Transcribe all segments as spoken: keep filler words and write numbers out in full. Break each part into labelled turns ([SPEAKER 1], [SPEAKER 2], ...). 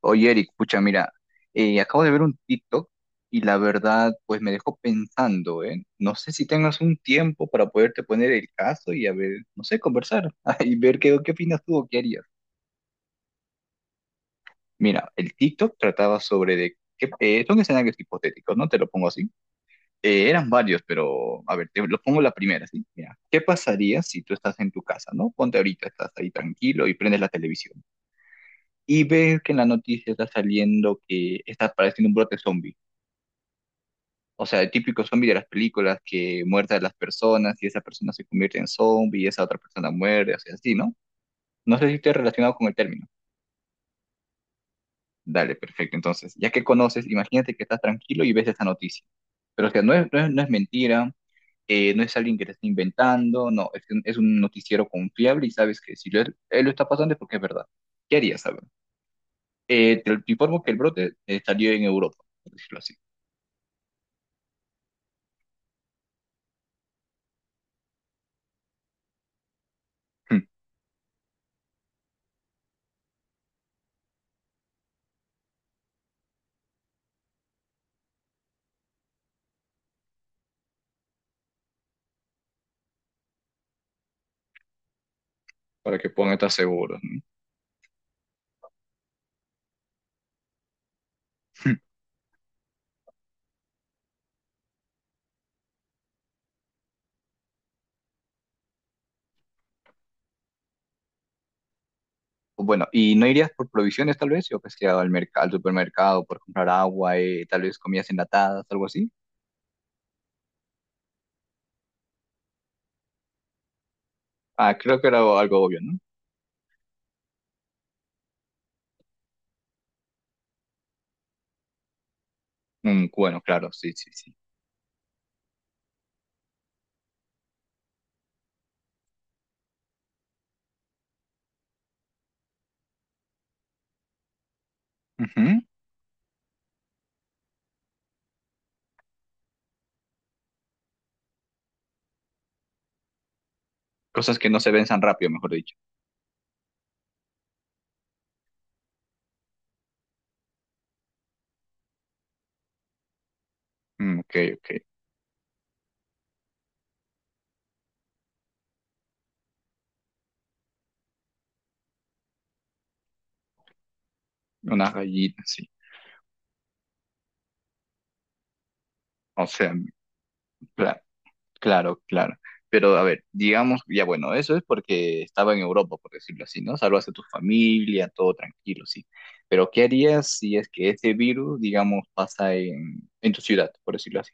[SPEAKER 1] Oye, Eric, pucha, mira, eh, acabo de ver un TikTok y la verdad, pues me dejó pensando, ¿eh? No sé si tengas un tiempo para poderte poner el caso y a ver, no sé, conversar y ver qué, qué opinas tú o qué harías. Mira, el TikTok trataba sobre de que eh, son escenarios hipotéticos, ¿no? Te lo pongo así. Eh, eran varios, pero a ver, te lo pongo la primera, ¿sí? Mira, ¿qué pasaría si tú estás en tu casa, ¿no? Ponte ahorita, estás ahí tranquilo y prendes la televisión y ves que en la noticia está saliendo que está apareciendo un brote zombie. O sea, el típico zombie de las películas que muerde a las personas y esa persona se convierte en zombie y esa otra persona muere, o sea, así, ¿no? No sé si esté relacionado con el término. Dale, perfecto. Entonces, ya que conoces, imagínate que estás tranquilo y ves esa noticia. Pero, o sea, no es, no es, no es mentira, eh, no es alguien que te está inventando, no, es, un- es un noticiero confiable y sabes que si lo- él lo está pasando es porque es verdad. ¿Qué harías, saber? Eh, te te informo que el brote eh, salió en Europa, por decirlo así, para que puedan estar seguros, ¿no? Bueno, ¿y no irías por provisiones tal vez? Yo pues que al mercado, al supermercado por comprar agua, eh, tal vez comidas enlatadas, algo así. Ah, creo que era algo, algo obvio, ¿no? Mm, bueno, claro, sí, sí, sí. Ujú. Cosas que no se ven tan rápido, mejor dicho. Mm, ok, ok. Una gallina, sí. O sea, claro, claro, claro. Pero a ver, digamos, ya bueno, eso es porque estaba en Europa, por decirlo así, ¿no? Salvas a tu familia, todo tranquilo, sí. Pero ¿qué harías si es que ese virus, digamos, pasa en, en tu ciudad, por decirlo así?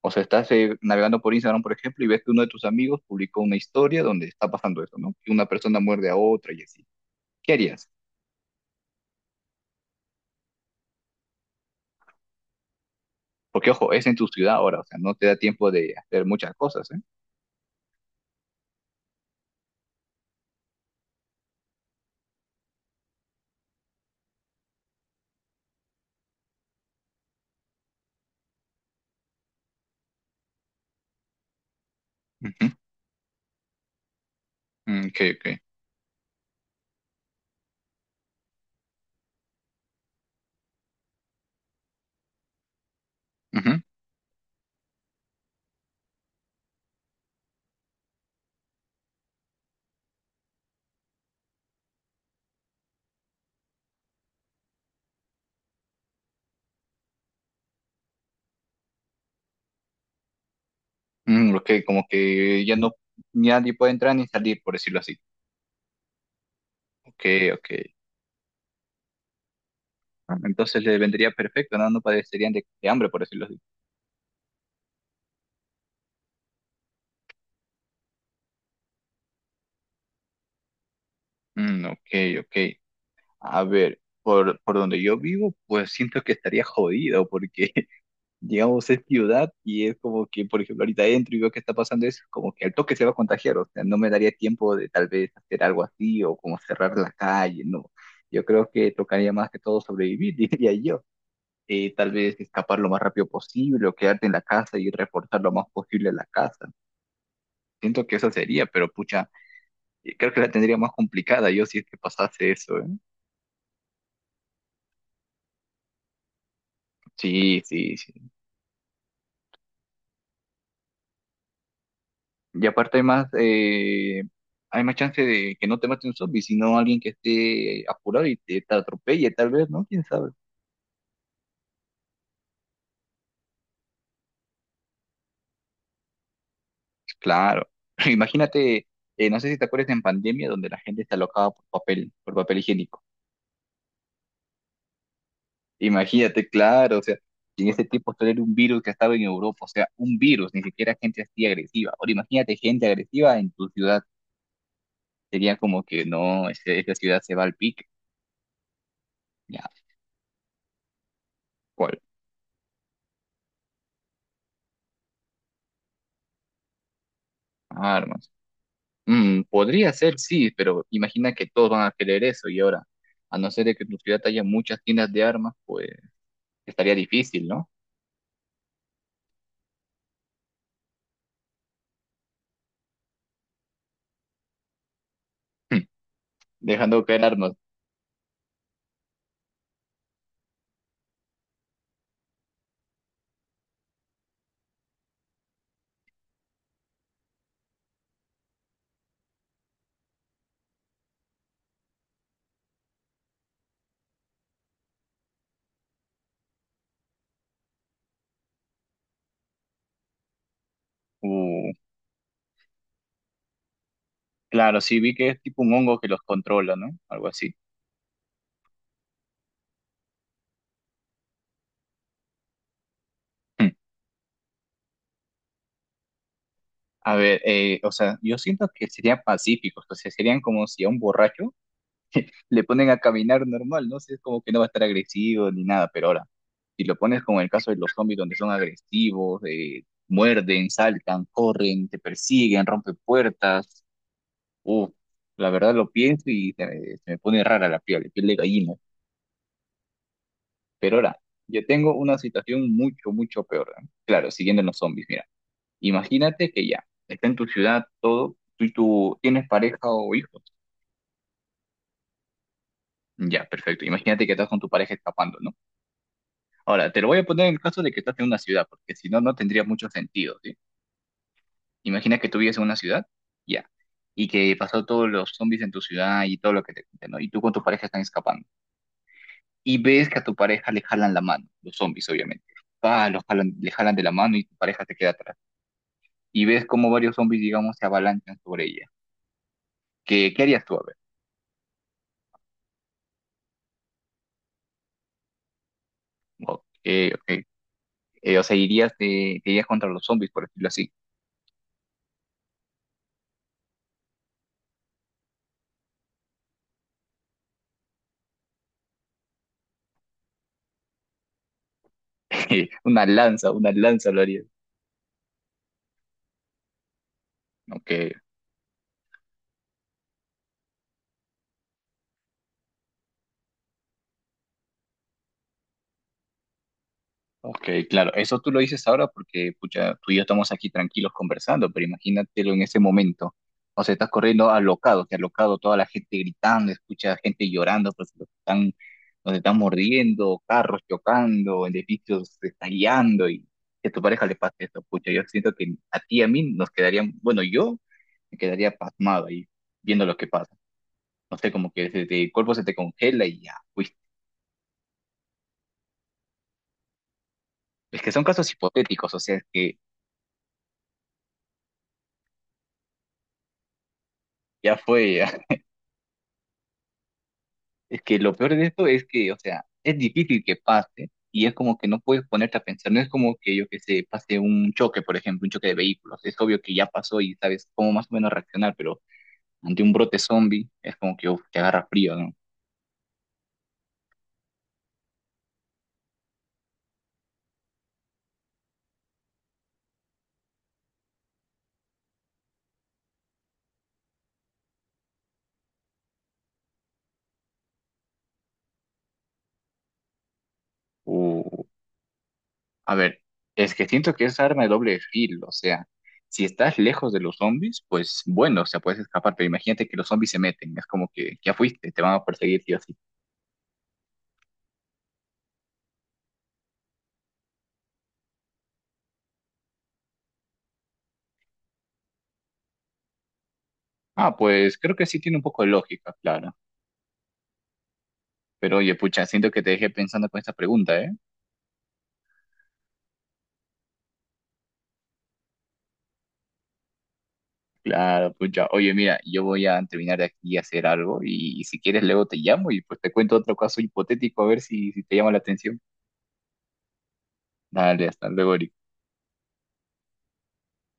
[SPEAKER 1] O sea, estás eh, navegando por Instagram, por ejemplo, y ves que uno de tus amigos publicó una historia donde está pasando eso, ¿no? Que una persona muerde a otra y así. ¿Qué harías? Porque, ojo, es en tu ciudad ahora, o sea, no te da tiempo de hacer muchas cosas, ¿eh? Ujú. Mm, ok, ok. Ujú. Mm, ok, como que ya no, ni nadie puede entrar ni salir, por decirlo así. Ok, ok. Ah, entonces le vendría perfecto, ¿no? No padecerían de, de hambre, por decirlo así. Mm, ok, ok. A ver, por, por donde yo vivo, pues siento que estaría jodido, porque digamos, es ciudad y es como que, por ejemplo, ahorita entro y veo que está pasando eso, como que al toque se va a contagiar, o sea, no me daría tiempo de tal vez hacer algo así o como cerrar la calle, no. Yo creo que tocaría más que todo sobrevivir, diría yo. Eh, tal vez escapar lo más rápido posible o quedarte en la casa y reforzar lo más posible la casa. Siento que eso sería, pero pucha, eh, creo que la tendría más complicada yo si es que pasase eso, ¿eh? Sí, sí, sí. Y aparte hay más, eh, hay más chance de que no te mate un zombie, sino alguien que esté apurado y te, te atropelle, tal vez, ¿no? ¿Quién sabe? Claro. Imagínate, eh, no sé si te acuerdas en pandemia donde la gente está alocaba por papel, por papel higiénico. Imagínate, claro, o sea, y en ese tiempo esto era un virus que estaba en Europa, o sea, un virus, ni siquiera gente así agresiva. Ahora imagínate gente agresiva en tu ciudad. Sería como que no, ese- esa ciudad se va al pique. Ya, ¿cuál? Mm, podría ser, sí, pero imagina que todos van a querer eso y ahora, a no ser de que en tu ciudad haya muchas tiendas de armas, pues estaría difícil, ¿no? Dejando caer armas. Uh, claro, sí, vi que es tipo un hongo que los controla, ¿no? Algo así. A ver, eh, o sea, yo siento que serían pacíficos, o sea, serían como si a un borracho le ponen a caminar normal, ¿no? sé es como que no va a estar agresivo ni nada, pero ahora, si lo pones con el caso de los zombies donde son agresivos, eh, muerden, saltan, corren, te persiguen, rompen puertas, uff, la verdad lo pienso y se me, se me pone rara la piel, la piel de gallina. Pero ahora, yo tengo una situación mucho, mucho peor, ¿no? Claro, siguiendo en los zombies, mira, imagínate que ya, está en tu ciudad todo, tú y tú tienes pareja o hijos. Ya, perfecto. Imagínate que estás con tu pareja escapando, ¿no? Ahora, te lo voy a poner en el caso de que estás en una ciudad, porque si no, no tendría mucho sentido, ¿sí? Imagina que tú vives en una ciudad, ya, y que pasó todos los zombies en tu ciudad y todo lo que te cuenten, ¿no? Y tú con tu pareja están escapando. Y ves que a tu pareja le jalan la mano, los zombies, obviamente. Ah, los jalan, le jalan de la mano y tu pareja te queda atrás. Y ves como varios zombies, digamos, se avalanchan sobre ella. ¿Qué, qué harías tú? A ver. No, ok, ok. Eh, o sea, irías, de- te irías contra los zombies, por decirlo así. Una lanza, una lanza lo harías. Ok, ok, claro, eso tú lo dices ahora porque pucha, tú y yo estamos aquí tranquilos conversando, pero imagínatelo en ese momento. O sea, estás corriendo alocado, que alocado, toda la gente gritando, escucha gente llorando, pues los están, nos están mordiendo, carros chocando, edificios estallando y que a tu pareja le pase eso, pucha, yo siento que a ti y a mí nos quedarían, bueno, yo me quedaría pasmado ahí viendo lo que pasa. No sé, como que se te- el cuerpo se te congela y ya, fuiste. Es que son casos hipotéticos, o sea, es que ya fue. Es que lo peor de esto es que, o sea, es difícil que pase y es como que no puedes ponerte a pensar, no es como que yo que sé, pase un choque, por ejemplo, un choque de vehículos, es obvio que ya pasó y sabes cómo más o menos reaccionar, pero ante un brote zombie es como que uf, te agarra frío, ¿no? O, a ver, es que siento que es arma de doble filo, o sea, si estás lejos de los zombies, pues bueno, o sea, puedes escapar, pero imagínate que los zombies se meten, es como que ya fuiste, te van a perseguir sí o sí. Ah, pues creo que sí tiene un poco de lógica, claro. Pero oye, pucha, siento que te dejé pensando con esta pregunta, ¿eh? Claro, pucha. Oye, mira, yo voy a terminar de aquí a hacer algo y, y si quieres luego te llamo y pues te cuento otro caso hipotético a ver si, si te llama la atención. Dale, hasta luego, Eric.